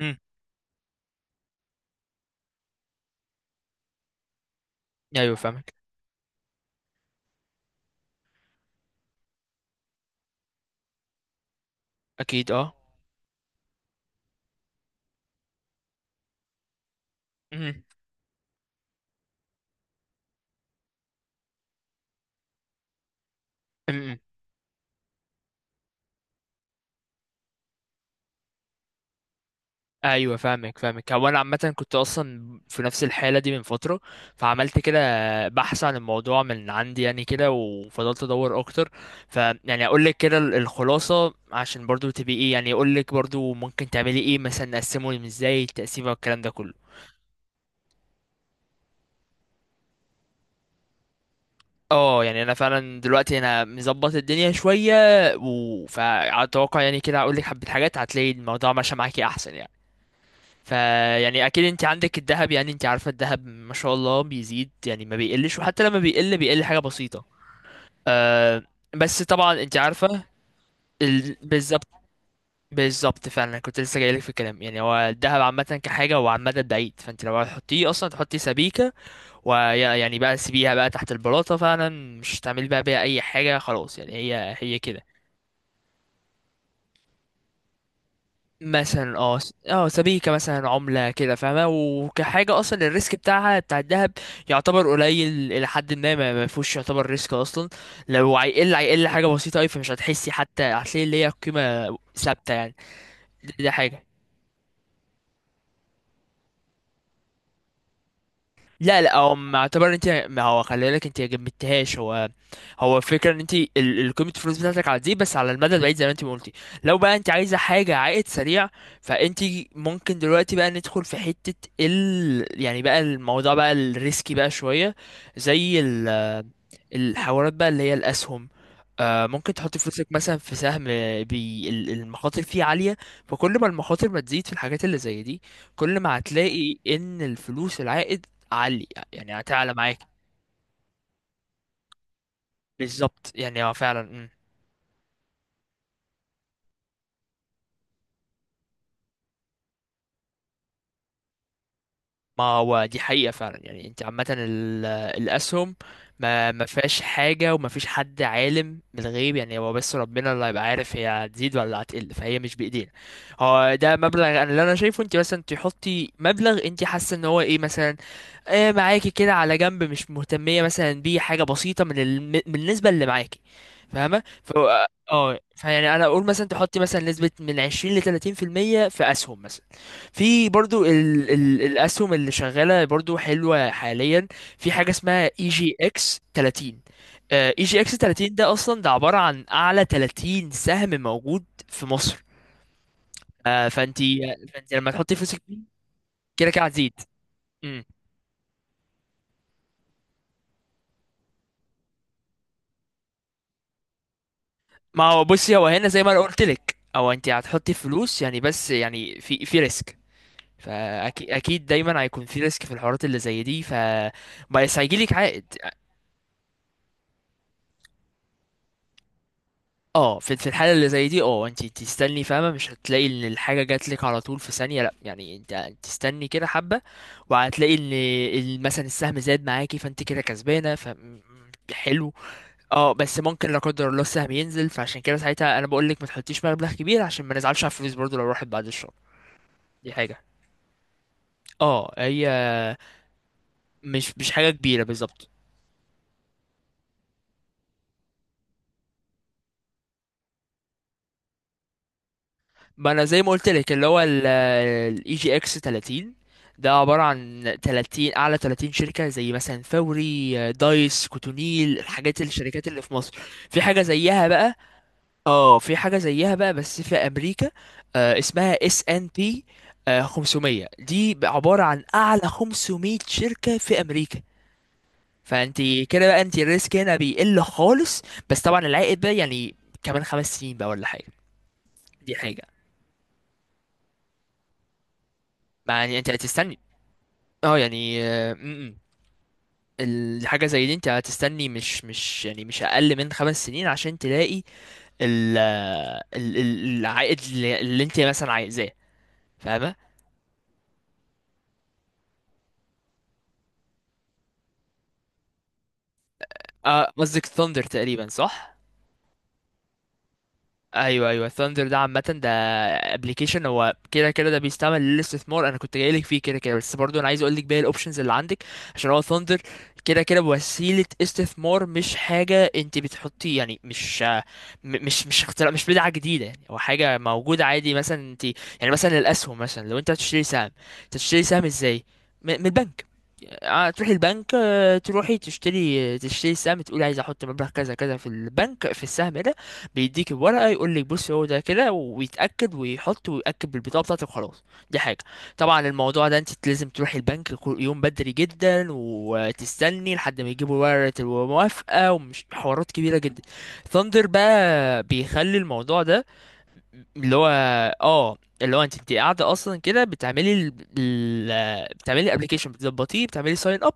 امم ايوه فاهمك اكيد اه امم امم ايوه فاهمك فاهمك هو انا عامه كنت اصلا في نفس الحاله دي من فتره، فعملت كده بحث عن الموضوع من عندي يعني كده وفضلت ادور اكتر. فيعني اقول لك كده الخلاصه، عشان برضو تبقي ايه، يعني اقول لك برضو ممكن تعملي ايه، مثلا نقسمه ازاي، التقسيمه والكلام ده كله. اه يعني انا فعلا دلوقتي انا مظبط الدنيا شويه، فاتوقع يعني كده اقول لك حبه حاجات هتلاقي الموضوع ماشي معاكي احسن يعني. فيعني اكيد انت عندك الذهب، يعني انت عارفه الذهب ما شاء الله بيزيد يعني، ما بيقلش، وحتى لما بيقل بيقل حاجه بسيطه. أه، بس طبعا انت عارفه. بالظبط، بالظبط فعلا كنت لسه جايلك في الكلام. يعني هو الذهب عامه كحاجه هو على المدى البعيد، فانت لو هتحطيه اصلا تحطي سبيكه، ويعني بقى سيبيها بقى تحت البلاطه فعلا، مش هتعملي بقى بيها اي حاجه خلاص، يعني هي كده. مثلا اه سبيكة مثلا عملة كده، فاهمة؟ وكحاجة اصلا الريسك بتاعها بتاع الذهب يعتبر قليل الى حد ما، ما فيهوش يعتبر ريسك اصلا. لو هيقل هيقل حاجة بسيطة اوي، فمش هتحسي، حتى هتلاقي اللي هي قيمة ثابتة يعني. دي حاجة. لا لا، هو ما اعتبر انت، ما هو خلي بالك، انت جمدتهاش. هو هو الفكره ان انت قيمه الفلوس بتاعتك على دي بس على المدى البعيد زي ما انت ما قلتي. لو بقى انت عايزه حاجه عائد سريع، فانت ممكن دلوقتي بقى ندخل في حته ال، يعني بقى الموضوع بقى الريسكي بقى شويه، زي ال الحوارات بقى اللي هي الأسهم. آه، ممكن تحط فلوسك مثلا في سهم. بي المخاطر فيه عالية. فكل ما المخاطر ما تزيد في الحاجات اللي زي دي، كل ما هتلاقي إن الفلوس، العائد عالي، يعني هتعلى معاك. بالظبط، يعني هو فعلا. ما هو دي حقيقة فعلا، يعني انت عامة الأسهم ما فيهاش حاجة، وما فيش حد عالم من الغيب، يعني هو بس ربنا اللي هيبقى عارف هي هتزيد ولا هتقل، فهي مش بإيدينا. هو ده مبلغ، انا اللي انا شايفه انت مثلا تحطي مبلغ انت حاسة ان هو ايه، مثلا آه معاكي كده على جنب مش مهتمية مثلا بيه، حاجة بسيطة من من النسبة اللي معاكي، فاهمة؟ ف اه فيعني انا اقول مثلا تحطي مثلا نسبة من 20 ل 30% في المية في أسهم مثلا. في برضو ال الاسهم اللي شغاله برضو حلوه حاليا. في حاجه اسمها اي جي اكس 30. اي جي اكس 30 ده اصلا ده عباره عن اعلى 30 سهم موجود في مصر. فانتي، فانتي لما تحطي فلوسك فيه كده كده هتزيد. مم. ما هو بصي، هو هنا زي ما انا قلت لك، او انت هتحطي فلوس يعني، بس يعني في ريسك. فاكيد اكيد دايما هيكون في ريسك في الحوارات اللي زي دي، ف بس هيجيلك عائد. اه في في الحاله اللي زي دي، اه انت تستني، فاهمه؟ مش هتلاقي ان الحاجه جات لك على طول في ثانيه، لا يعني انت تستني كده حبه. وهتلاقي ان مثلا السهم زاد معاكي، فانت كده كسبانه. حلو. اه بس ممكن لا قدر الله السهم ينزل، فعشان كده ساعتها انا بقول لك ما تحطيش مبلغ كبير عشان ما نزعلش على الفلوس برضو لو راحت بعد الشهر. دي حاجه. اه هي مش حاجه كبيره بالظبط. ما انا زي ما قلت لك اللي هو الاي جي اكس 30 ده عبارة عن 30، اعلى 30 شركة زي مثلا فوري، دايس كوتونيل، الحاجات الشركات اللي في مصر. في حاجة زيها بقى. اه في حاجة زيها بقى بس في امريكا، آه اسمها اس ان بي 500. دي بقى عبارة عن اعلى 500 شركة في امريكا. فانت كده بقى انت الريسك هنا بيقل خالص. بس طبعا العائد بقى يعني كمان خمس سنين بقى ولا حاجة. دي حاجة. ما يعني انت هتستني، اه يعني آه، م- م. الحاجة زي دي انت هتستني، مش مش يعني مش اقل من خمس سنين عشان تلاقي العائد اللي انت مثلا عايزاه. فاهمة؟ اه قصدك ثاندر تقريبا، صح؟ ايوه ايوه، ثاندر ده عامه ده ابلكيشن، هو كده كده ده بيستعمل للاستثمار. انا كنت جايلك فيه كده كده، بس برضو انا عايز اقول لك باقي الاوبشنز اللي عندك. عشان هو ثاندر كده كده وسيله استثمار، مش حاجه انت بتحطي يعني، مش اختراع، مش بدعه جديده، يعني هو حاجه موجوده عادي. مثلا انت يعني مثلا الاسهم، مثلا لو انت هتشتري سهم، تشتري سهم ازاي؟ من البنك. تروحي البنك، تروحي تشتري، تشتري السهم، تقولي عايز احط مبلغ كذا كذا في البنك في السهم ده. بيديك الورقه يقول لك بص هو ده كده، ويتاكد ويحط ويأكد بالبطاقه بتاعتك وخلاص. دي حاجه. طبعا الموضوع ده انت لازم تروحي البنك كل يوم بدري جدا وتستني لحد ما يجيبوا ورقه الموافقه، ومش حوارات كبيره جدا. ثاندر بقى بيخلي الموضوع ده، اللي هو اه اللي هو انت، انت قاعده اصلا كده بتعملي بتعملي ابلكيشن، بتظبطيه، بتعملي ساين اب،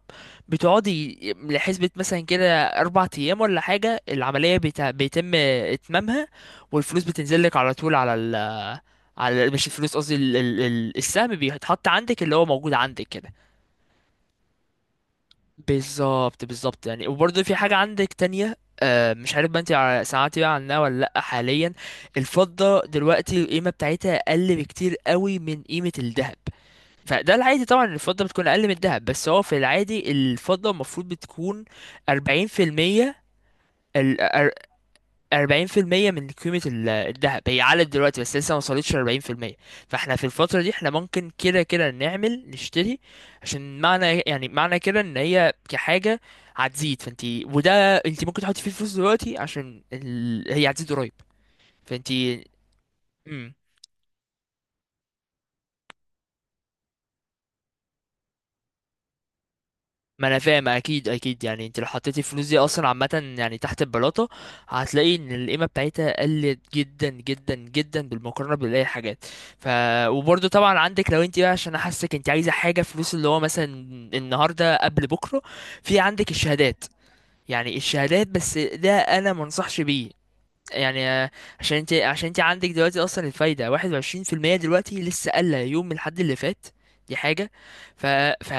بتقعدي لحسبة مثلا كده اربع ايام ولا حاجه، العمليه بيتم اتمامها، والفلوس بتنزل لك على طول على على، مش الفلوس قصدي، السهم بيتحط عندك، اللي هو موجود عندك كده. بالظبط بالظبط، يعني وبرضه في حاجة عندك تانية. آه مش عارف بقى انت سمعتي بقى عنها ولا لأ حاليا. الفضة دلوقتي القيمة بتاعتها أقل بكتير قوي من قيمة الذهب. فده العادي طبعا إن الفضة بتكون أقل من الذهب، بس هو في العادي الفضة المفروض بتكون أربعين في المية، 40% من قيمة الذهب. هي علت دلوقتي بس لسه ما وصلتش 40%. فاحنا في الفترة دي احنا ممكن كده كده نعمل نشتري، عشان معنى، يعني معنى كده ان هي كحاجة هتزيد. فانت وده انت ممكن تحطي فيه فلوس دلوقتي عشان هي هتزيد قريب. فانت، ما انا فاهم اكيد اكيد. يعني انت لو حطيتي الفلوس دي اصلا عامه يعني تحت البلاطه هتلاقي ان القيمه بتاعتها قلت جدا جدا جدا بالمقارنه بالاي حاجات. ف وبرده طبعا عندك، لو انت بقى عشان احسك انت عايزه حاجه فلوس اللي هو مثلا النهارده قبل بكره، في عندك الشهادات. يعني الشهادات، بس ده انا ما انصحش بيه. يعني عشان انت، عشان انت عندك دلوقتي اصلا الفايده 21%. دلوقتي لسه قل يوم من الحد اللي فات. دي حاجه. ف... ف...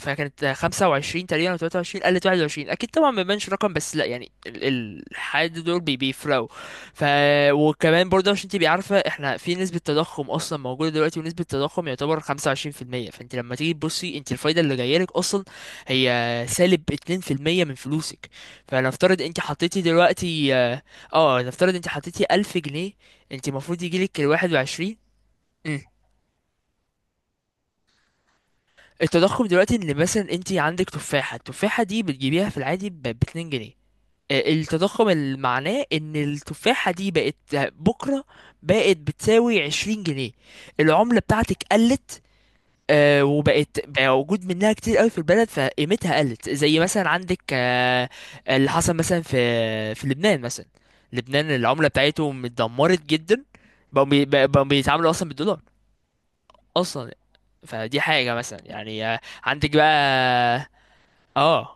فكانت 25 تقريبا او 23، قلت 21. اكيد طبعا ما بيبانش رقم، بس لا يعني الحد دول بيفرقوا. ف وكمان برضه عشان تبقي عارفه احنا في نسبه تضخم اصلا موجوده دلوقتي، ونسبه التضخم يعتبر 25%. فانت لما تيجي تبصي انت الفايده اللي جايه لك اصلا هي سالب 2% من فلوسك. فنفترض انت حطيتي دلوقتي نفترض انت حطيتي 1000 جنيه، انت المفروض يجيلك ال 21. مم. التضخم دلوقتي ان مثلا انت عندك تفاحة، التفاحة دي بتجيبيها في العادي ب 2 جنيه. التضخم اللي معناه ان التفاحة دي بقت بكرة بقت بتساوي 20 جنيه. العملة بتاعتك قلت. وبقت بقى وجود منها كتير قوي في البلد فقيمتها قلت، زي مثلا عندك آه، اللي حصل مثلا في في لبنان مثلا. لبنان العملة بتاعتهم اتدمرت جدا، بقوا بيتعاملوا اصلا بالدولار اصلا. فدي حاجة مثلا يعني عندك بقى. اه آه.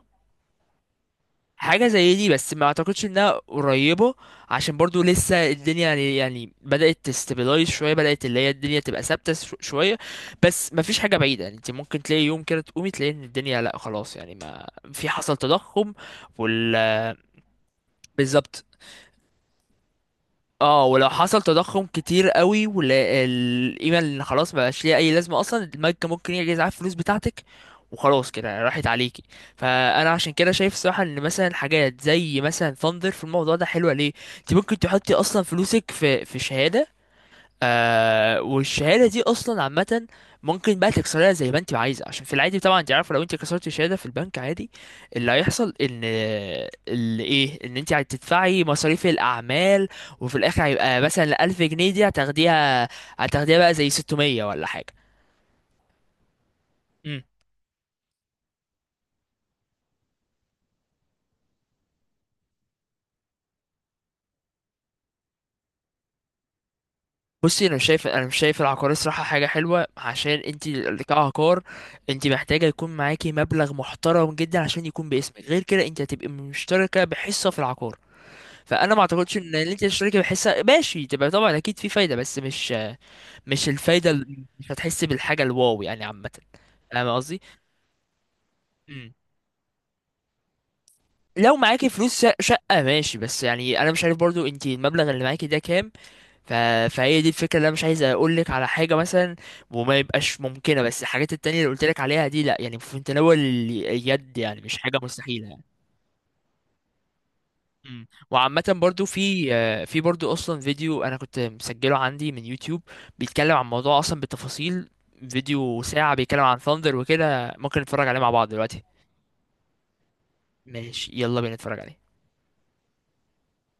حاجة زي دي، بس ما اعتقدش انها قريبة، عشان برضو لسه الدنيا يعني يعني بدأت تستابلايز شوية، بدأت اللي هي الدنيا تبقى ثابتة شوية. بس ما فيش حاجة بعيدة، يعني انت ممكن تلاقي يوم كده تقومي تلاقي ان الدنيا لا خلاص، يعني ما في حصل تضخم. وال بالظبط. اه ولو حصل تضخم كتير قوي والقيمه اللي خلاص ما بقاش ليها اي لازمه اصلا، البنك ممكن يجي يزعل الفلوس بتاعتك وخلاص كده راحت عليكي. فانا عشان كده شايف الصراحه ان مثلا حاجات زي مثلا فاندر في الموضوع ده حلوه ليه. انت ممكن تحطي اصلا فلوسك في شهاده، آه والشهاده دي اصلا عامه ممكن بقى تكسرها زي ما انت عايزه، عشان في العادي طبعا انت عارفه لو انت كسرت الشهاده في البنك عادي اللي هيحصل ان، اللي ايه، ان انت هتدفعي مصاريف الاعمال، وفي الاخر هيبقى مثلا 1000 جنيه دي هتاخديها، هتاخديها بقى زي 600 ولا حاجه. امم بصي انا مش شايف، انا مش شايف العقار الصراحه حاجه حلوه، عشان انت كعقار انت محتاجه يكون معاكي مبلغ محترم جدا عشان يكون باسمك، غير كده انت هتبقي مشتركه بحصه في العقار. فانا ما اعتقدش ان انت الشركه بحسها ماشي، تبقى طبعا اكيد في فايده بس مش الفايده مش هتحس بالحاجه الواو يعني عامه. فاهم قصدي؟ مم. لو معاكي فلوس شقه ماشي، بس يعني انا مش عارف برضو انت المبلغ اللي معاكي ده كام. ف... فهي دي الفكره، اللي انا مش عايز اقول لك على حاجه مثلا وما يبقاش ممكنه، بس الحاجات التانية اللي قلت لك عليها دي لا، يعني في متناول اليد، يعني مش حاجه مستحيله. وعامة برضو في في برضو اصلا فيديو انا كنت مسجله عندي من يوتيوب بيتكلم عن الموضوع اصلا بالتفاصيل. فيديو ساعة بيتكلم عن ثاندر وكده، ممكن نتفرج عليه مع بعض دلوقتي. ماشي يلا بينا نتفرج عليه.